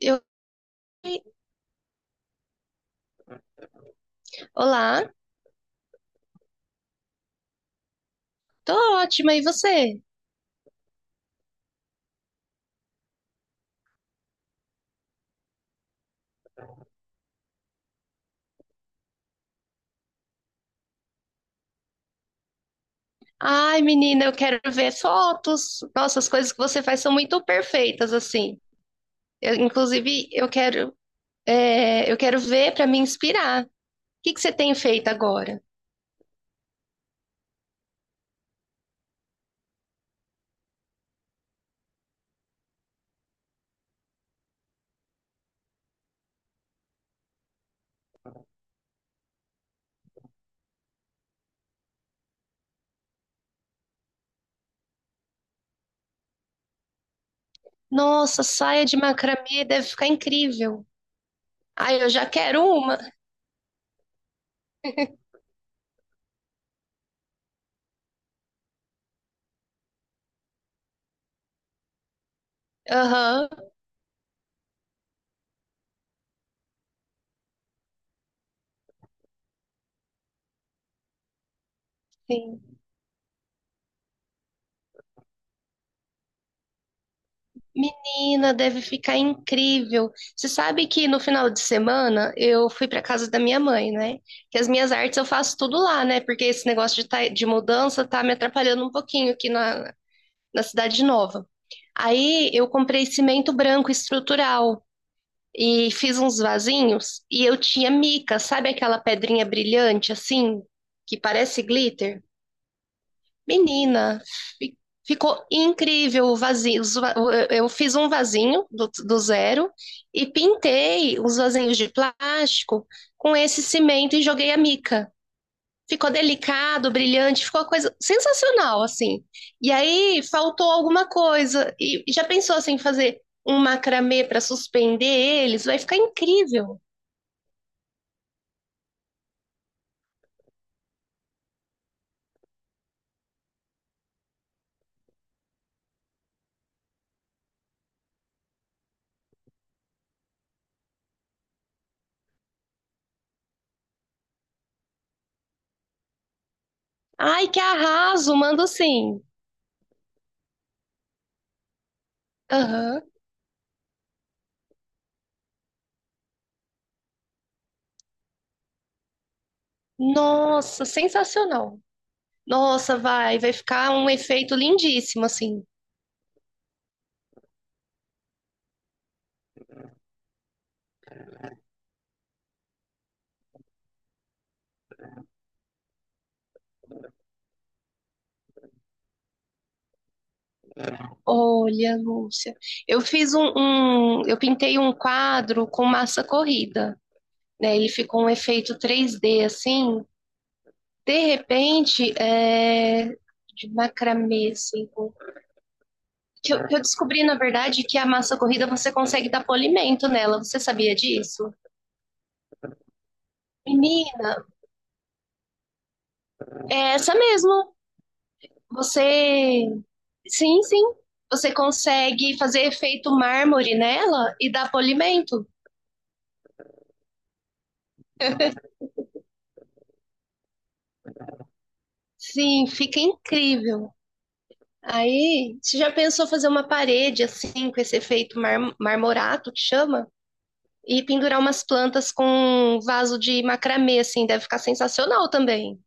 Eu, olá, tô ótima, e você? Ai, menina, eu quero ver fotos. Nossa, as coisas que você faz são muito perfeitas, assim. Eu, inclusive, eu quero ver para me inspirar. O que que você tem feito agora? Nossa, saia de macramê deve ficar incrível. Ai, eu já quero uma. Aham. Menina, deve ficar incrível. Você sabe que no final de semana eu fui para casa da minha mãe, né? Que as minhas artes eu faço tudo lá, né? Porque esse negócio de mudança tá me atrapalhando um pouquinho aqui na cidade nova. Aí eu comprei cimento branco estrutural e fiz uns vasinhos e eu tinha mica, sabe aquela pedrinha brilhante assim, que parece glitter? Menina, fi- ficou incrível o vasinho. Eu fiz um vasinho do zero e pintei os vasinhos de plástico com esse cimento e joguei a mica. Ficou delicado, brilhante, ficou uma coisa sensacional, assim. E aí faltou alguma coisa. E já pensou assim, em fazer um macramê para suspender eles? Vai ficar incrível. Ai, que arraso, mando sim. Aham. Nossa, sensacional. Nossa, vai ficar um efeito lindíssimo, assim. Olha, Lúcia, eu fiz eu pintei um quadro com massa corrida, né? Ele ficou um efeito 3D, assim. De repente, é, de macramê, assim, com- que eu descobri, na verdade, que a massa corrida você consegue dar polimento nela. Você sabia disso? Menina, é essa mesmo. Você, sim, sim, você consegue fazer efeito mármore nela e dar polimento. Sim, fica incrível. Aí, você já pensou fazer uma parede assim, com esse efeito marmorato que chama? E pendurar umas plantas com um vaso de macramê, assim, deve ficar sensacional também.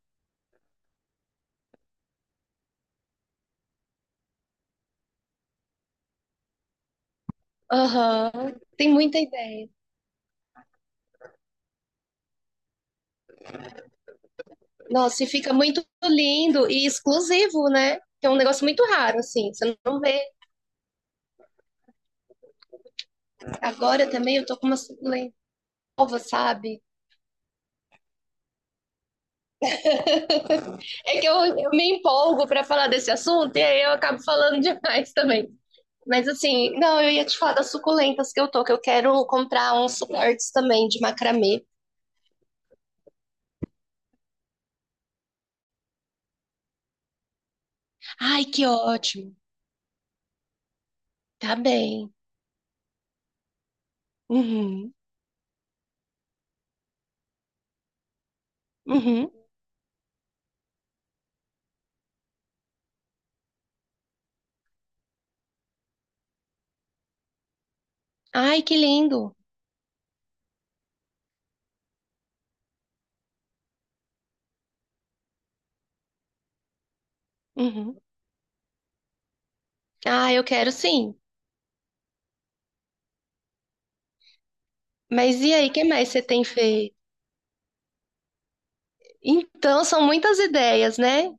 Aham, tem muita ideia. Nossa, e fica muito lindo e exclusivo, né? Que é um negócio muito raro, assim, você não vê. Agora também eu tô com uma suculenta nova, sabe? É eu me empolgo pra falar desse assunto e aí eu acabo falando demais também. Mas assim, não, eu ia te falar das suculentas que eu quero comprar uns suportes também de macramê. Ai, que ótimo. Tá bem. Uhum, uhum. Ai, que lindo. Uhum. Ah, eu quero sim. Mas e aí, o que mais você tem feito? Então, são muitas ideias, né?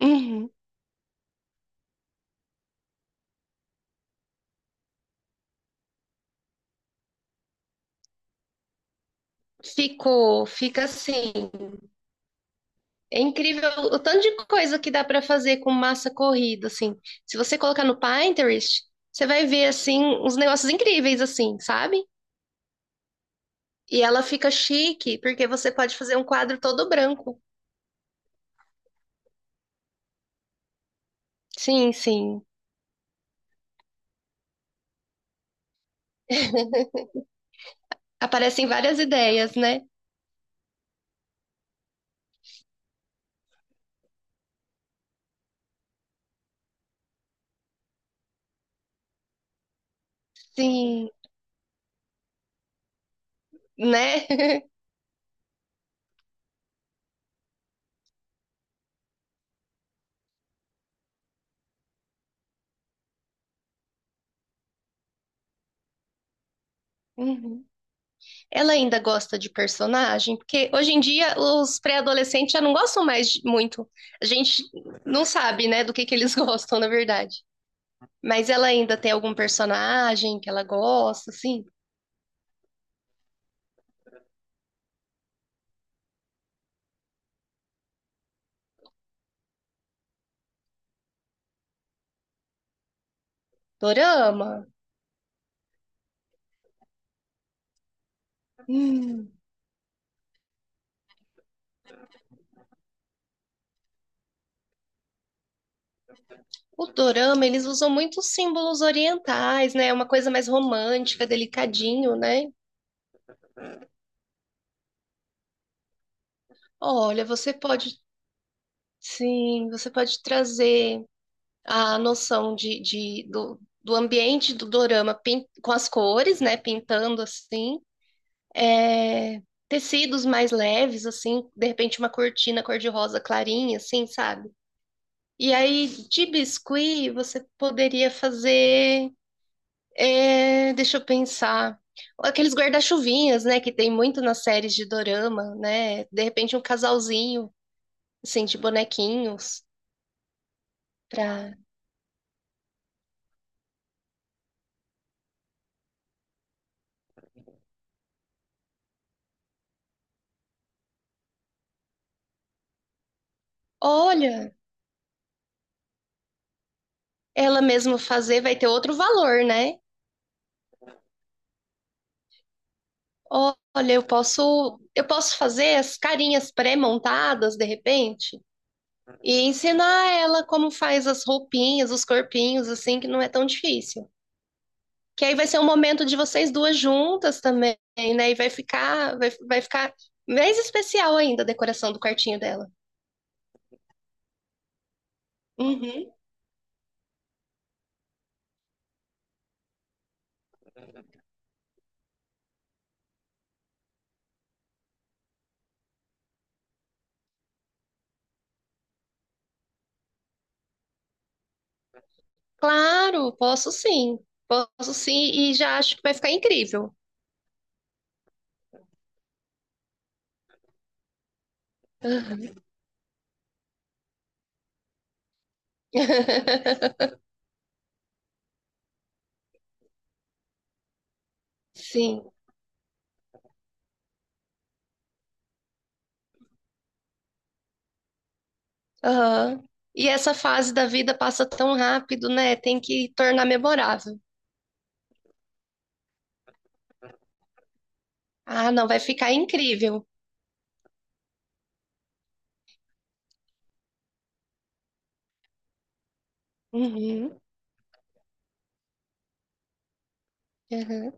Uhum. Ficou, fica assim. É incrível o tanto de coisa que dá para fazer com massa corrida, assim. Se você colocar no Pinterest, você vai ver, assim, uns negócios incríveis, assim, sabe? E ela fica chique, porque você pode fazer um quadro todo branco. Sim, sim. Aparecem várias ideias, né? Sim, né? Uhum. Ela ainda gosta de personagem, porque hoje em dia os pré-adolescentes já não gostam muito. A gente não sabe, né, do que eles gostam, na verdade. Mas ela ainda tem algum personagem que ela gosta, assim? Dorama? Hum. O dorama, eles usam muitos símbolos orientais, né? É uma coisa mais romântica, delicadinho, né? Olha, sim, você pode trazer a noção do ambiente do dorama com as cores, né? Pintando assim. É, tecidos mais leves, assim, de repente uma cortina cor-de-rosa clarinha, assim, sabe? E aí, de biscuit, você poderia fazer. Deixa eu pensar. Aqueles guarda-chuvinhas, né? Que tem muito nas séries de dorama, né? De repente, um casalzinho, assim, de bonequinhos. Pra... Olha, ela mesma fazer vai ter outro valor, né? Olha, eu posso fazer as carinhas pré-montadas, de repente, e ensinar ela como faz as roupinhas, os corpinhos, assim, que não é tão difícil. Que aí vai ser um momento de vocês duas juntas também, né? E vai ficar, vai ficar mais especial ainda a decoração do quartinho dela. Uhum. Claro, posso sim. Posso sim, e já acho que vai ficar incrível. Sim. Aham. E essa fase da vida passa tão rápido, né? Tem que tornar memorável. Ah, não, vai ficar incrível. Uhum. Aham.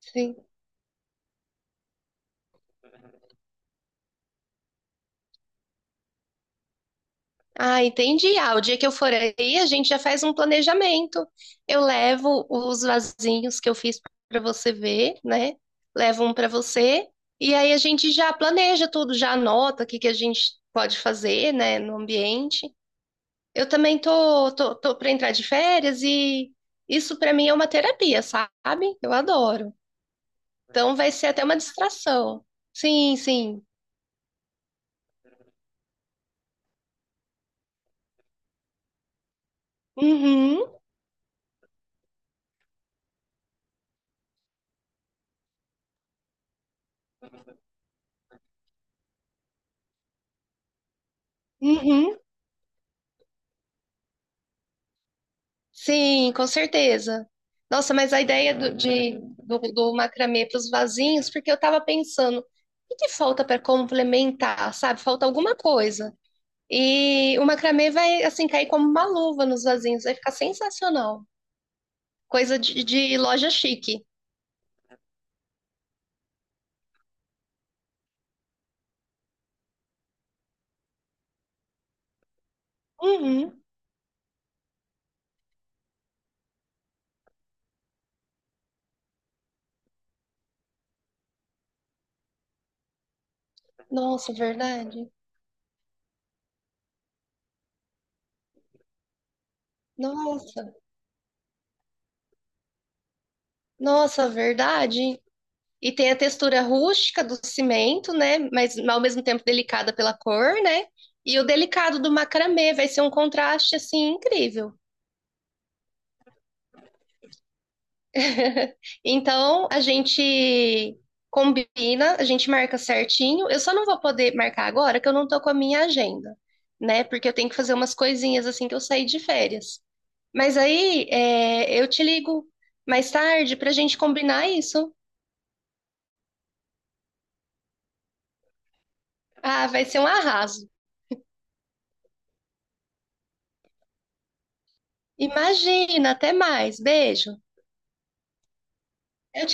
Sim. Ah, entendi. Ah, o dia que eu for aí, a gente já faz um planejamento. Eu levo os vasinhos que eu fiz para você ver, né? Levo um para você e aí a gente já planeja tudo, já anota o que que a gente pode fazer, né, no ambiente. Eu também tô para entrar de férias e isso para mim é uma terapia, sabe? Eu adoro. Então vai ser até uma distração. Sim, sim. Uhum, uhum. Sim, com certeza. Nossa, mas a ideia do macramê para os vasinhos, porque eu estava pensando, o que que falta para complementar, sabe? Falta alguma coisa. E o macramê vai, assim, cair como uma luva nos vasinhos, vai ficar sensacional. Coisa de loja chique. Uhum. Nossa, verdade. Nossa, nossa, verdade. E tem a textura rústica do cimento, né? Mas ao mesmo tempo delicada pela cor, né? E o delicado do macramê vai ser um contraste assim incrível. Então a gente combina, a gente marca certinho. Eu só não vou poder marcar agora que eu não tô com a minha agenda, né? Porque eu tenho que fazer umas coisinhas assim que eu saí de férias. Mas eu te ligo mais tarde pra gente combinar isso. Ah, vai ser um arraso. Imagina, até mais. Beijo. Eu te